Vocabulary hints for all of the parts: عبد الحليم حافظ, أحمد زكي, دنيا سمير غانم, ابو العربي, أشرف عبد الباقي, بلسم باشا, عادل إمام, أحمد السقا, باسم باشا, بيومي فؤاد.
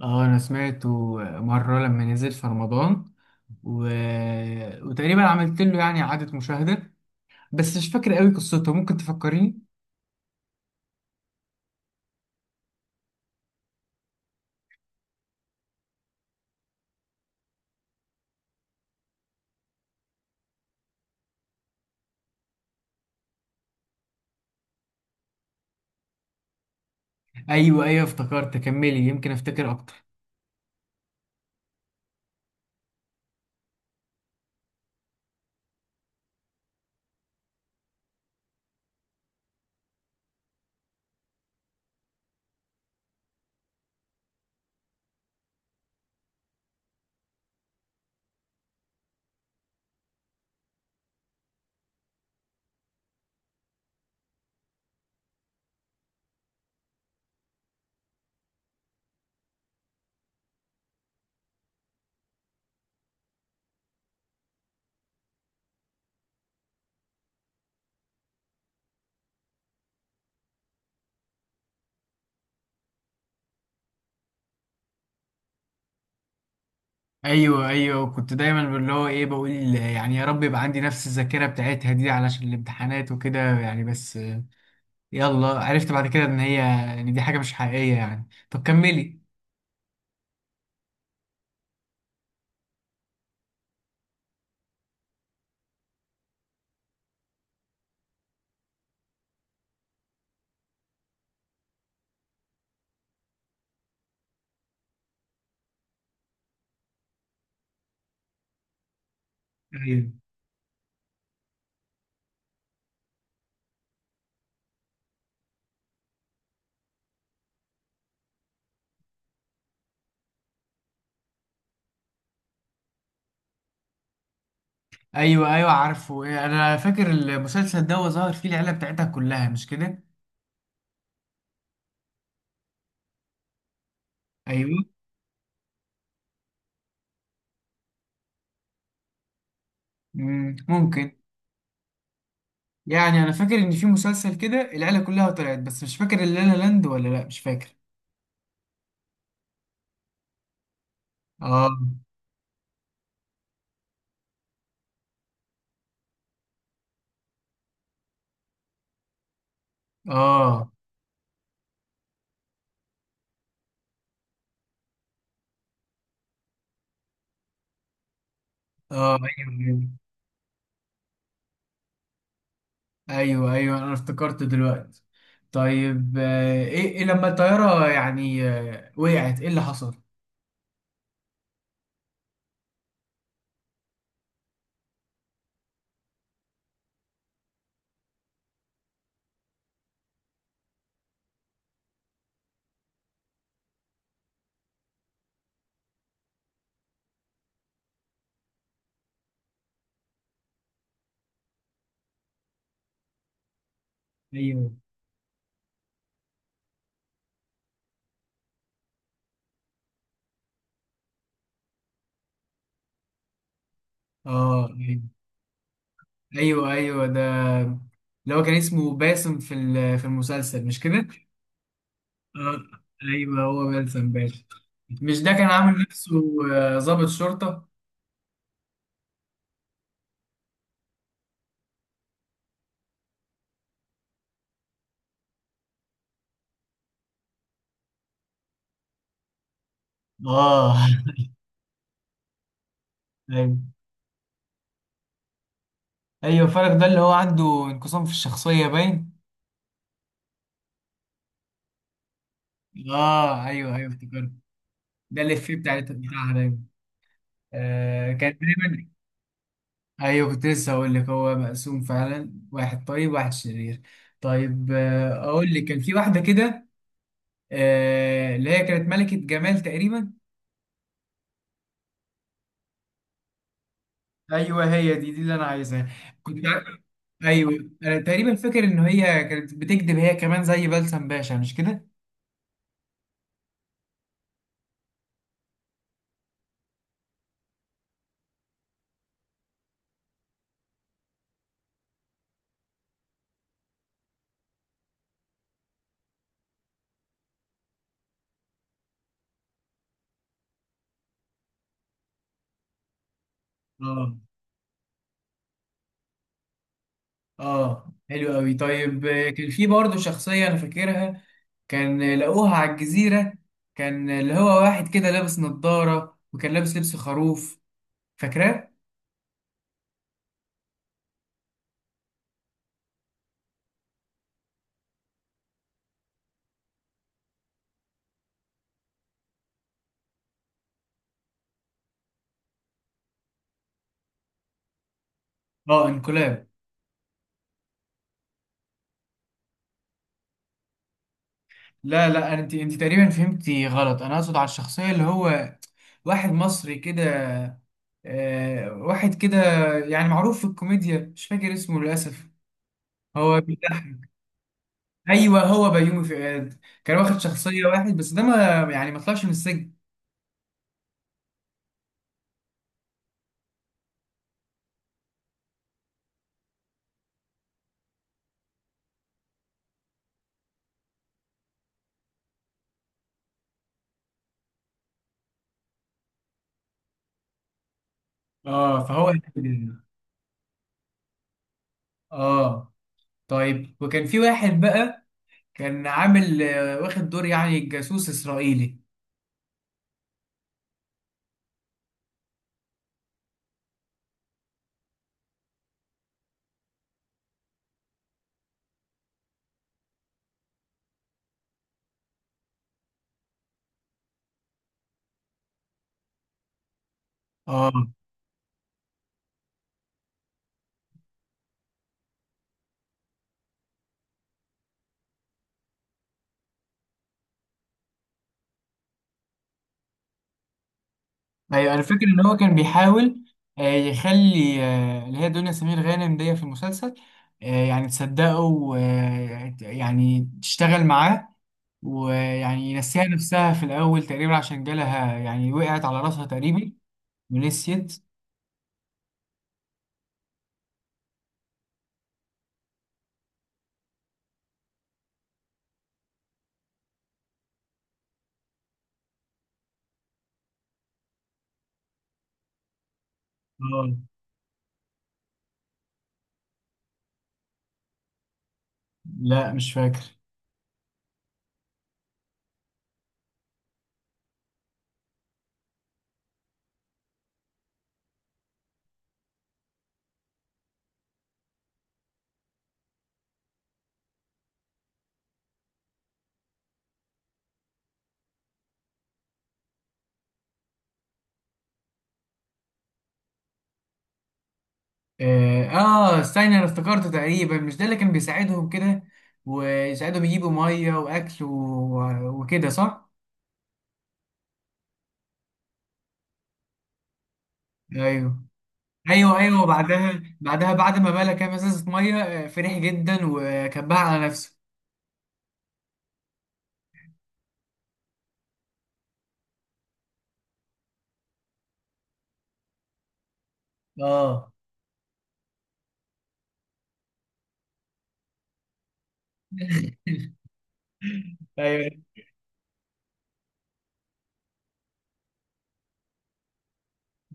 اه، انا سمعته مرة لما نزل في رمضان. و... وتقريبا عملت له يعني اعادة مشاهدة. بس مش فاكر قوي قصته، ممكن تفكريني؟ ايوه ايوه، افتكرت، كملي، يمكن افتكر اكتر. ايوه ايوه، كنت دايما اللي هو ايه، بقول يعني يا رب يبقى عندي نفس الذاكرة بتاعتها دي علشان الامتحانات وكده، يعني بس يلا، عرفت بعد كده ان دي حاجة مش حقيقية يعني. طب كملي. ايوه ايوه ايوه، عارفه، انا فاكر المسلسل ده وظهر فيه العيله بتاعتها كلها، مش كده؟ ايوه. ممكن. يعني انا فاكر ان في مسلسل كده العيله كلها طلعت، بس مش فاكر اللا لا لاند ولا لا، مش فاكر. اه اه اه ايوه ايوه ايوه أيوه. انا افتكرت دلوقتي. طيب، ايه لما الطياره يعني وقعت، ايه اللي حصل؟ ايوه. اه ايوه ايوه أيوة، ده اللي هو كان اسمه باسم في في المسلسل، مش كده؟ اه ايوه، هو باسم باشا، مش ده كان عامل نفسه ضابط شرطه؟ اه ايوه ايوه، فرق ده اللي هو عنده انقسام في الشخصيه باين. اه ايوه ايوه، افتكرت. ده الإفيه بتاعها دايما. كان دايما. ايوه، كنت لسه هقول لك، هو مقسوم فعلا، واحد طيب واحد شرير. طيب، اقول لك، كان في واحده كده. اللي هي كانت ملكه جمال تقريبا. ايوه، هي دي اللي انا عايزها. كنت عارف. ايوه، انا تقريبا فاكر ان هي كانت بتكذب هي كمان زي بلسم باشا، مش كده؟ اه، حلو قوي. طيب، كان في برضه شخصية انا فاكرها. كان لقوها على الجزيرة. كان اللي هو واحد كده لابس نظارة وكان لابس لبس خروف، فاكراه؟ اه، انقلاب. لا لا، انت تقريبا فهمتي غلط. انا اقصد على الشخصية اللي هو واحد مصري كده، واحد كده يعني معروف في الكوميديا، مش فاكر اسمه للأسف، هو بيضحك. ايوه، هو بيومي فؤاد. كان واخد شخصية واحد بس ده ما يعني ما طلعش من السجن. اه فهو. اه، طيب وكان في واحد بقى كان عامل واخد دور يعني جاسوس اسرائيلي. اه ايوه، انا فاكر ان هو كان بيحاول يخلي اللي هي دنيا سمير غانم دي في المسلسل يعني تصدقه، ويعني تشتغل معاه، ويعني ينسيها نفسها في الاول تقريبا، عشان جالها يعني وقعت على راسها تقريبا ونسيت. اه، لا مش فاكر. اه، استنى، انا افتكرته تقريبا، مش ده اللي كان بيساعدهم كده، ويساعدهم يجيبوا ميه واكل وكده، صح؟ ايوه ايوه ايوه، وبعدها بعد ما ملا كام ازازه ميه فرح جدا وكبها على نفسه. اه ايوه.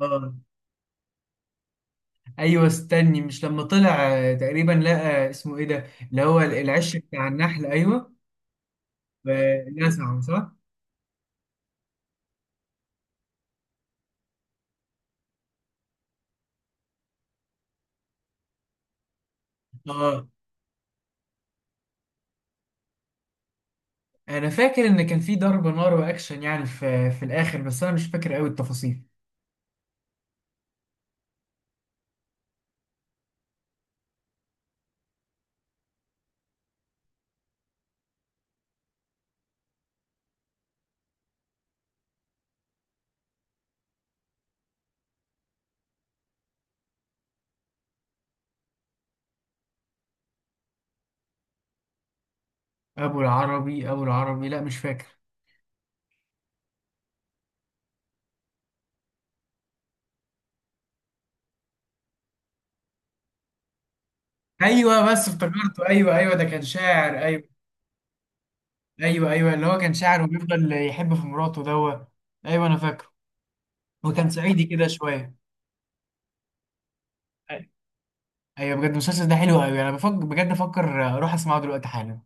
اه ايوه، استني، مش لما طلع تقريبا لقى اسمه ايه ده، اللي هو العش بتاع النحل، ايوه؟ نزعه، صح؟ اه، انا فاكر ان كان في ضرب نار واكشن يعني في الاخر، بس انا مش فاكر قوي التفاصيل. ابو العربي، ابو العربي، لا مش فاكر. ايوه، بس افتكرته، ايوه ايوه، ده كان شاعر، ايوه. ايوه ايوه، اللي هو كان شاعر وبيفضل يحب في مراته دوت. ايوه، انا فاكره. وكان صعيدي كده شويه. أي- ايوه، بجد المسلسل ده حلو قوي، انا بفكر بجد افكر اروح اسمعه دلوقتي حالا.